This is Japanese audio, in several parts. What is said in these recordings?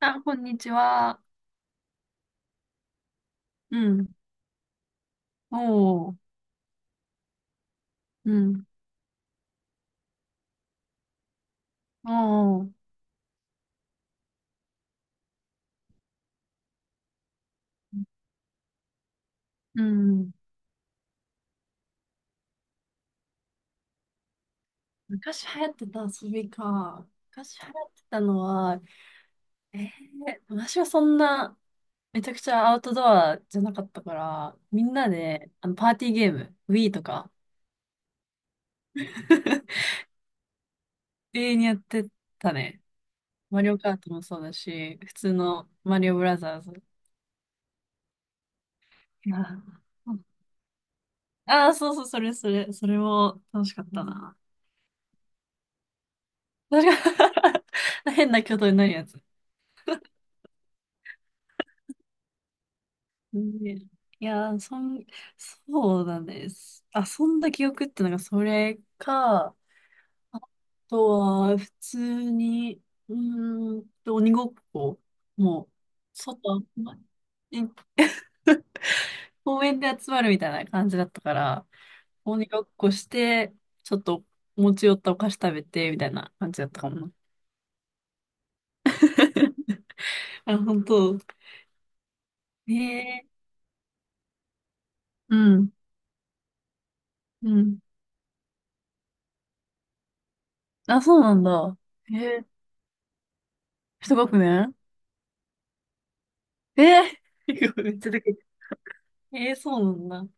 あ、こんにちは。うん。おー。うん。おー。うん。昔流行ってた遊びか。昔流行ってたのは、えー、私はそんな、めちゃくちゃアウトドアじゃなかったから、みんなで、パーティーゲーム、Wii とか、永遠にやってたね。マリオカートもそうだし、普通のマリオブラザーズ。ああー、そうそう、それ、それ、それも楽しかったな。楽し かった 変な挙動になるやつ。ね、いやー、そん、そうだね。す遊んだ記憶ってのがそれか、あとは、普通に、鬼ごっこ、もう、外、まえ公園で集まるみたいな感じだったから、鬼ごっこして、ちょっと持ち寄ったお菓子食べて、みたいな感じだったかもな。あ、本当。へえ。うん。うん。あ、そうなんだ。へえ。一学年。えー めっちゃでかい。ええ、そうなんだ。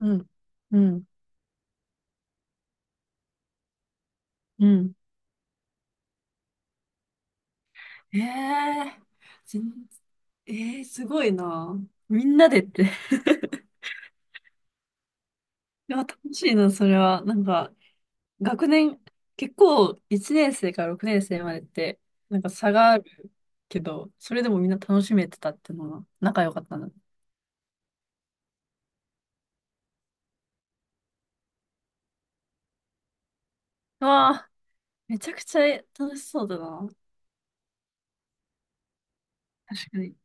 うん。うん。うん。ええ。全。ええ、すごいな。みんなでって。いや、楽しいな、それは。なんか、学年、結構、1年生から6年生までって、なんか差があるけど、それでもみんな楽しめてたっていうのが、仲良かったんだ。う。わあ、めちゃくちゃ楽しそうだな。確かに。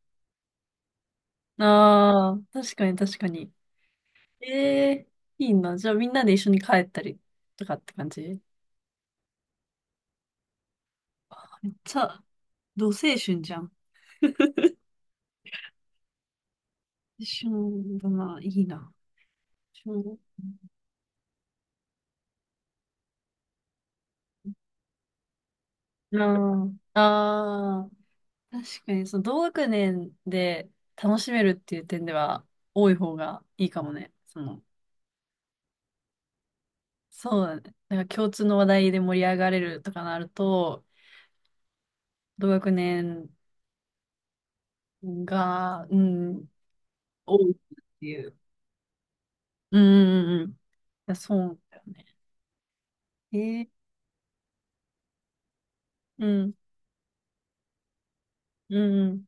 ああ、確かに、確かに。ええ。いいな。じゃあ、みんなで一緒に帰ったりとかって感じ。めっちゃ、同青春じゃん。一緒だな、いいな。一緒ん。あ、ああ、確かに、その同学年で楽しめるっていう点では、多い方がいいかもね。その、そうだね。なんか共通の話題で盛り上がれるとかなると、同学年が、うん、多いっていう。うんうんうんうん。いや、そうだよね。えー、うん、うんうん。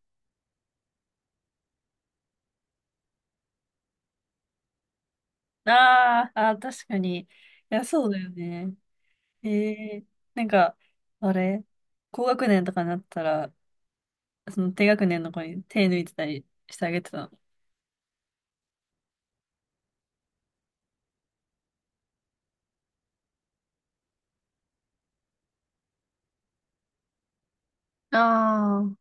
あーあー、確かに。いや、そうだよね。ええ、なんか、あれ、高学年とかになったら、その低学年の子に手抜いてたりしてあげてたの。あ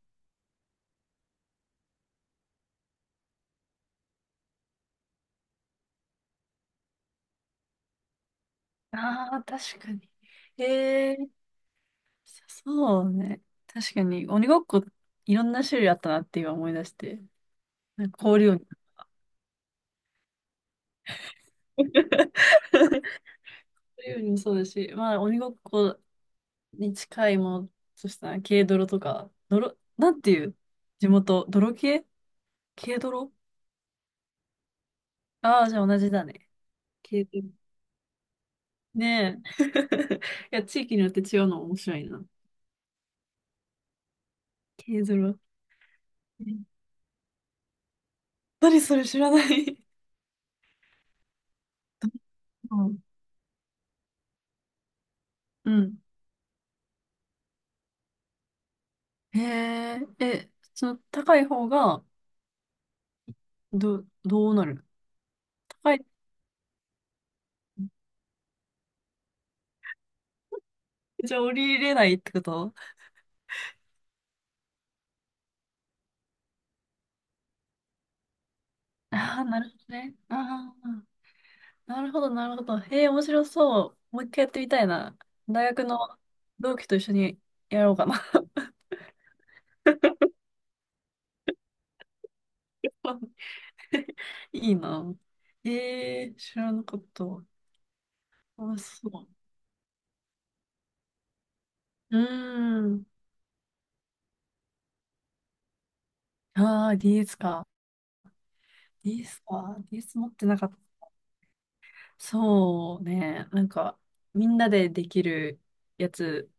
あ、ああ、確かに。ええ、そうね。確かに、鬼ごっこ、いろんな種類あったなって今思い出して。なんか氷鬼。氷鬼もそうだし、まあ、鬼ごっこに近いものとしたら、軽泥とか、泥、なんていう地元、泥系、軽泥。ああー、じゃあ同じだね。軽泥。ねえ。いや、地域によって違うの面白いな。軽泥。うん、何それ知らない。うんうん。へえ、え、その高い方が、ど、どうなる。高い。じゃあ降りれないってこと。ああー、なるほどね。ああ、なるほど、なるほど。へえ、面白そう。もう一回やってみたいな。大学の同期と一緒にやろうかな。いいな。ええ、知らなかった。あ、そう。うーん。ああ、DS か。DS か。DS 持ってなかった。そうね。なんか、みんなでできるやつ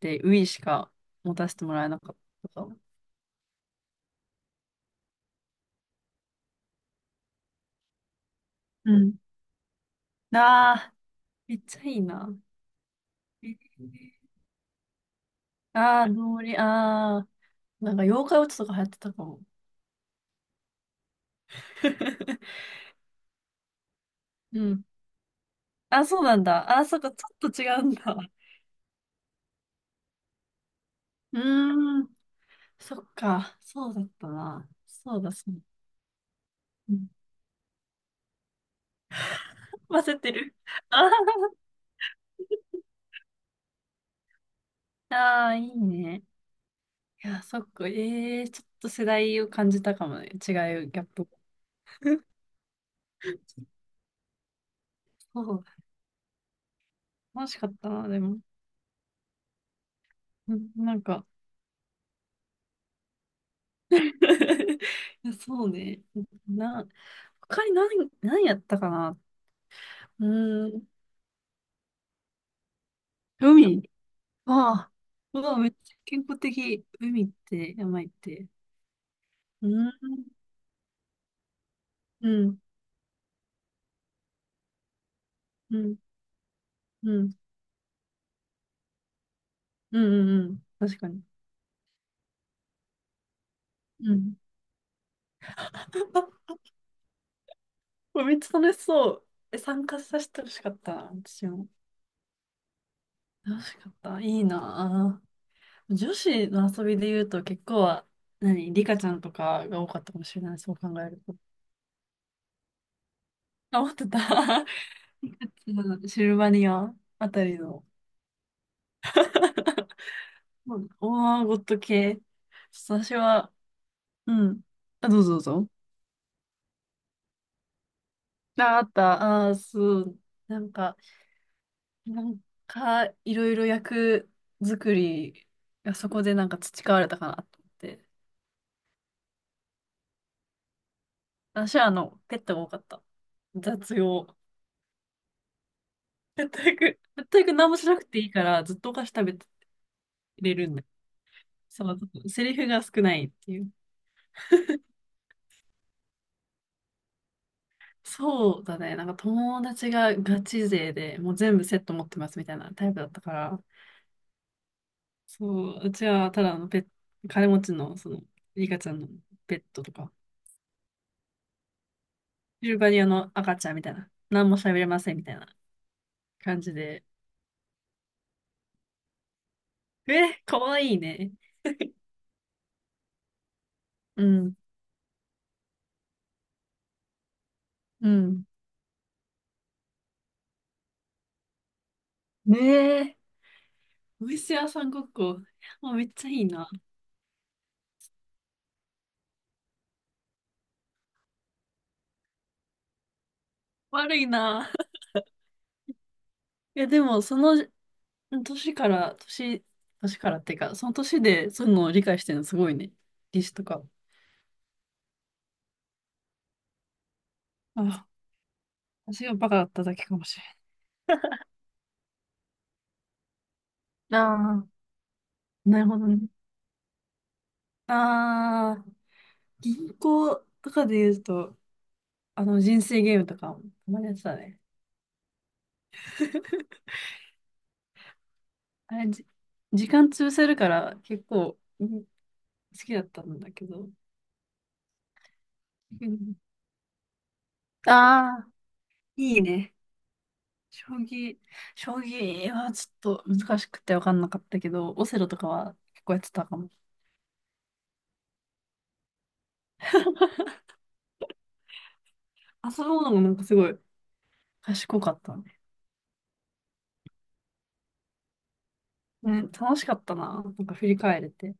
で、Wii しか持たせてもらえなかったかも。うん。ああ、めっちゃいいな。えー。ああ、ノーリ、ああ、なんか妖怪ウォッチとか流行ってたかも。うん。あ、そうなんだ。あ、そっか、ちょっと違うんだ。うーん。そっか。そうだったな。そうだ、そう。うん、忘てる。あーあー、いいね。いや、そっか。ええー、ちょっと世代を感じたかもね。違い、ギャップ。そう。楽しかったな、でも。うん、なんか いや、そうね。な、他に何、何やったかな。うーん。海。ああ。うわ、めっちゃ健康的。海って、山行って。うーん。うん。うん。うん。うん。うん。うん、確かに。うん。これめっちゃ楽しそう。え、参加させてほしかったな。私も。楽しかった。いいなぁ。女子の遊びで言うと結構は、何、リカちゃんとかが多かったかもしれない。そう考えると。あ、思ってた。リカちゃん、シルバニアあたりの、うん、オーアーゴット系。私は、うん。あ、どうぞどうぞ。あ、あった。あー、そう。なんか、なんいろいろ役作りがそこでなんか培われたかなと思って。私はあの、ペットが多かった。雑用。全く、全く何もしなくていいから、ずっとお菓子食べてれるんだ。そう、セリフが少ないっていう。そうだね。なんか友達がガチ勢で、もう全部セット持ってますみたいなタイプだったから、そう、うちはただのペット、金持ちの、その、リカちゃんのペットとか、シルバニアの赤ちゃんみたいな、何も喋れませんみたいな感じで、え、かわいいね。うん、うん。ねえ。お店屋さんごっこ。もうめっちゃいいな。悪いな。いや、でも、その年から、年、年からっていうか、その年でそういうのを理解してるのすごいね。リ史とか。あ、私がバカだっただけかもしれない。ああ、なるほどね。ああ、銀行とかで言うと、あの人生ゲームとかもたまにやってたね。あれ、じ、時間潰せるから結構、うん、好きだったんだけど。うん、ああ、いいね。将棋、将棋はちょっと難しくて分かんなかったけど、オセロとかは結構やってたかも。遊ぶのもなんかすごい賢かったね。ね、楽しかったな。なんか振り返れて。